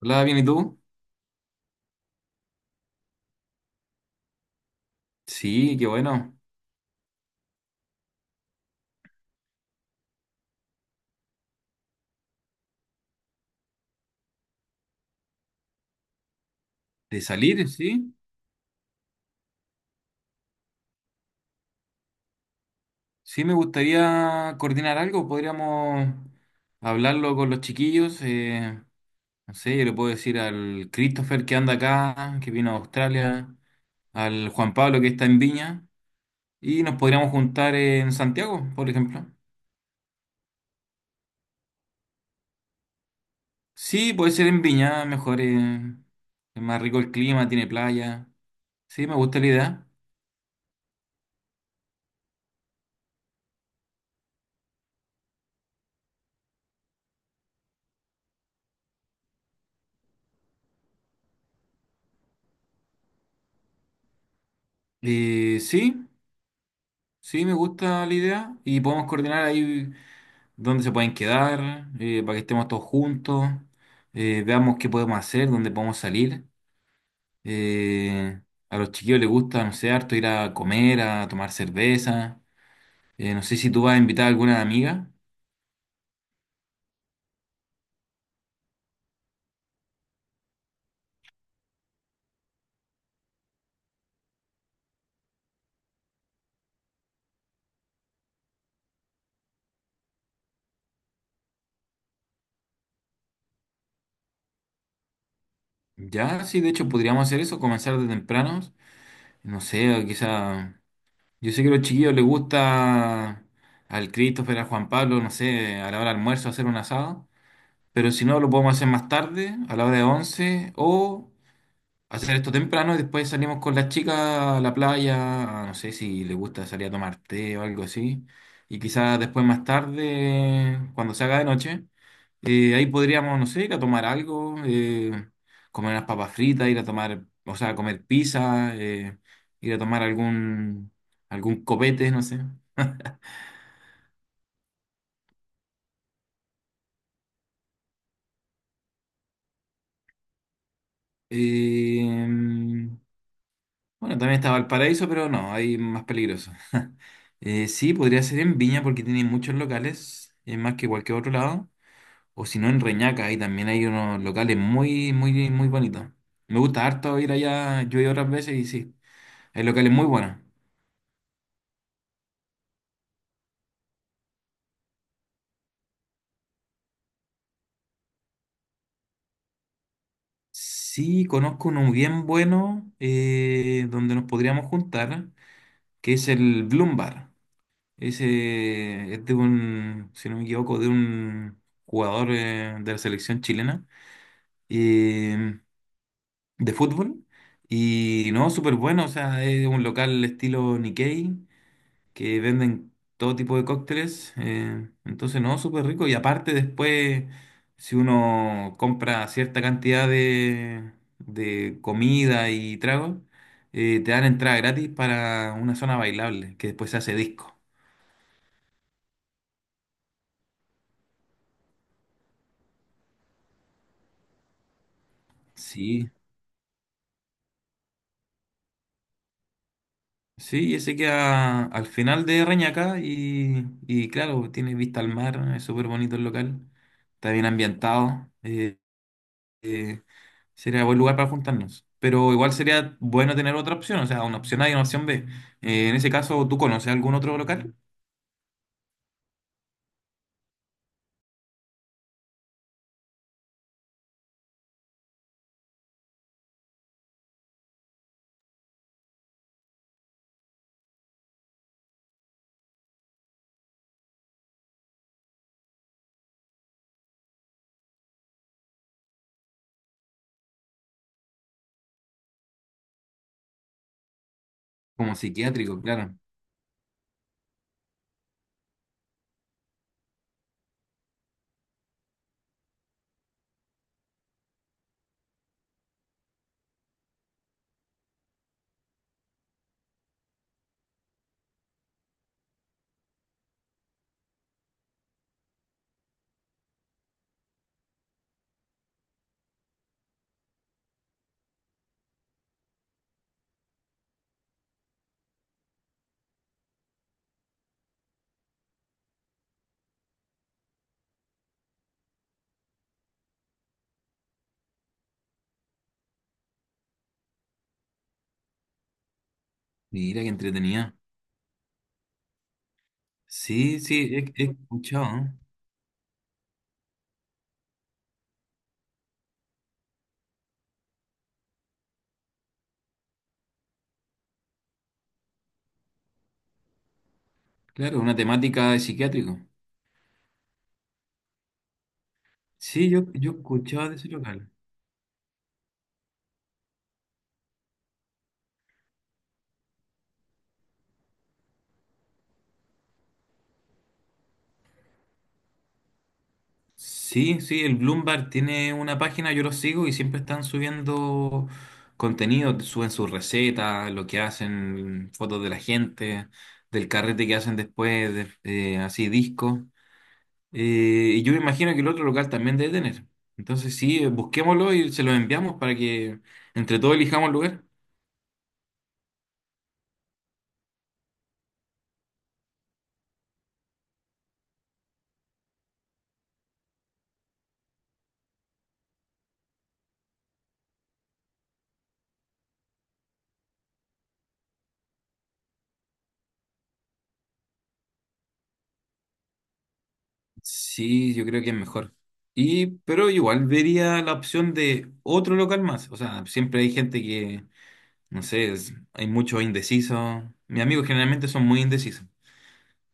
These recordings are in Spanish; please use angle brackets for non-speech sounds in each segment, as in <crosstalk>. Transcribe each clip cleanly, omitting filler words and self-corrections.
Hola, bien, ¿y tú? Sí, qué bueno. De salir, sí. Sí, me gustaría coordinar algo. Podríamos hablarlo con los chiquillos. No sé, yo le puedo decir al Christopher que anda acá, que vino a Australia, al Juan Pablo que está en Viña, y nos podríamos juntar en Santiago, por ejemplo. Sí, puede ser en Viña, mejor, es más rico el clima, tiene playa. Sí, me gusta la idea. Sí, sí, me gusta la idea y podemos coordinar ahí. Dónde se pueden quedar, para que estemos todos juntos, veamos qué podemos hacer, dónde podemos salir. Eh, a los chiquillos les gusta, no sé, harto ir a comer, a tomar cerveza. No sé si tú vas a invitar a alguna amiga. Ya, sí, de hecho podríamos hacer eso, comenzar de tempranos. No sé, quizá... Yo sé que a los chiquillos les gusta al Christopher, al Juan Pablo, no sé, a la hora del almuerzo hacer un asado. Pero si no, lo podemos hacer más tarde, a la hora de 11 o hacer esto temprano y después salimos con las chicas a la playa, no sé si les gusta salir a tomar té o algo así, y quizás después más tarde, cuando se haga de noche, ahí podríamos, no sé, ir a tomar algo, comer unas papas fritas, ir a tomar, o sea, comer pizza, ir a tomar algún copete, no sé. Eh, Bueno, también está Valparaíso, pero no, hay más peligroso. <laughs> Sí, podría ser en Viña porque tiene muchos locales, es más que cualquier otro lado. O si no, en Reñaca, ahí también hay unos locales muy, muy, muy bonitos. Me gusta harto ir allá, yo he ido otras veces y sí, hay locales muy buenos. Sí, conozco uno bien bueno, donde nos podríamos juntar, que es el Bloom Bar. Ese es de un, si no me equivoco, de un jugador de la selección chilena. Eh, de fútbol. Y no, súper bueno, o sea, es un local estilo Nikkei, que venden todo tipo de cócteles. Entonces, no, súper rico. Y aparte después, si uno compra cierta cantidad de comida y tragos, te dan entrada gratis para una zona bailable, que después se hace disco. Sí, sí, ese queda al final de Reñaca y claro, tiene vista al mar, es súper bonito el local, está bien ambientado, eh, sería buen lugar para juntarnos. Pero igual sería bueno tener otra opción, o sea, una opción A y una opción B. En ese caso, ¿tú conoces algún otro local? Como psiquiátrico, claro. Mira qué entretenida. Sí, sí, he escuchado, ¿no? Claro, una temática de psiquiátrico. Sí, yo he escuchado de ese local. Sí, sí, el Bloomberg tiene una página, yo lo sigo y siempre están subiendo contenido, suben sus recetas, lo que hacen, fotos de la gente, del carrete que hacen después, así discos. Y yo me imagino que el otro local también debe tener. Entonces sí, busquémoslo y se lo enviamos para que entre todos elijamos el lugar. Sí, yo creo que es mejor. Y, pero igual vería la opción de otro local más. O sea, siempre hay gente que no sé, hay mucho indeciso. Mis amigos generalmente son muy indecisos.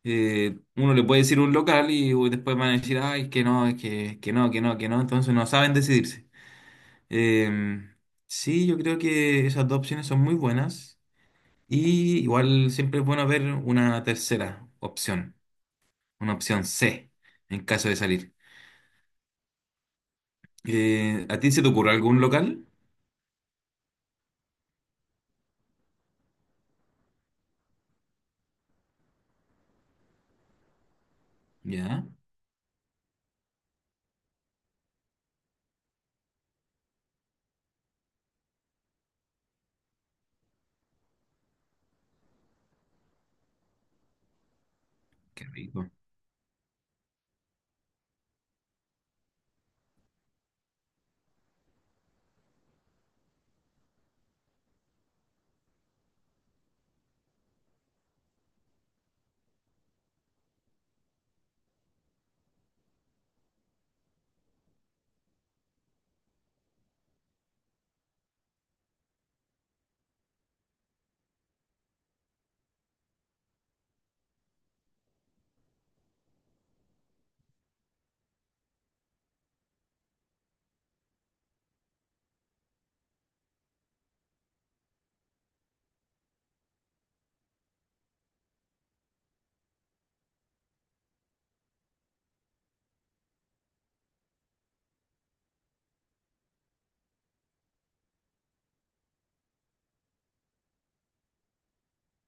Uno le puede decir un local y uy, después van a decir, ay, que no, es que no, que no, que no. Entonces no saben decidirse. Eh, sí, yo creo que esas dos opciones son muy buenas. Y igual siempre es bueno ver una tercera opción, una opción C, en caso de salir. ¿A ti se te ocurre algún local? Ya, qué rico.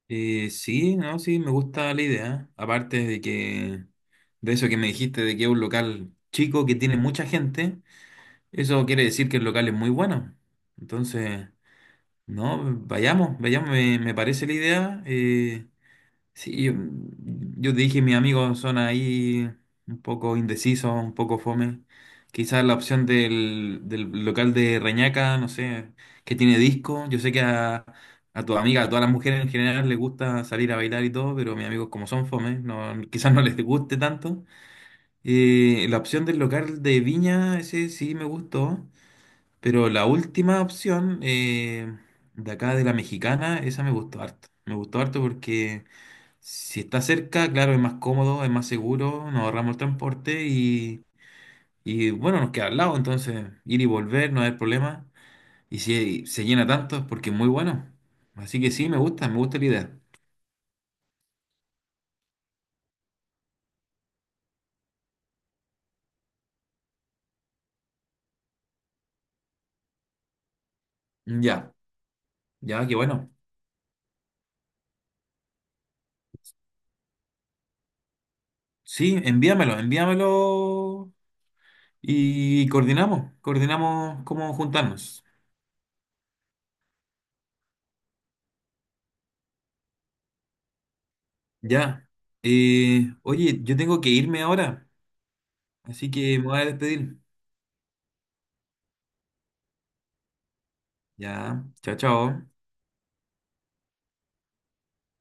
Sí, no, sí, me gusta la idea. Aparte de que, de eso que me dijiste, de que es un local chico que tiene mucha gente, eso quiere decir que el local es muy bueno. Entonces, no, vayamos, vayamos, me parece la idea. Sí, yo te dije, mis amigos son ahí un poco indecisos, un poco fome. Quizás la opción del local de Reñaca, no sé, que tiene disco. Yo sé que a tu amiga, a todas las mujeres en general les gusta salir a bailar y todo, pero mis amigos como son fome, no, <laughs> quizás no les guste tanto. La opción del local de Viña, ese sí me pero la última opción de acá de la Mexicana, esa me gustó harto. Me gustó harto porque... Si está cerca, claro, es más cómodo, es más seguro, nos ahorramos el transporte y, bueno, nos queda al lado, entonces ir y volver no hay problema. Y si se llena tanto es porque es muy bueno. Así que sí, me gusta la idea. Ya, ya, qué bueno. Sí, envíamelo, envíamelo y coordinamos, coordinamos cómo juntarnos. Ya. Oye, yo tengo que irme ahora, así que me voy a despedir. Ya, chao, chao.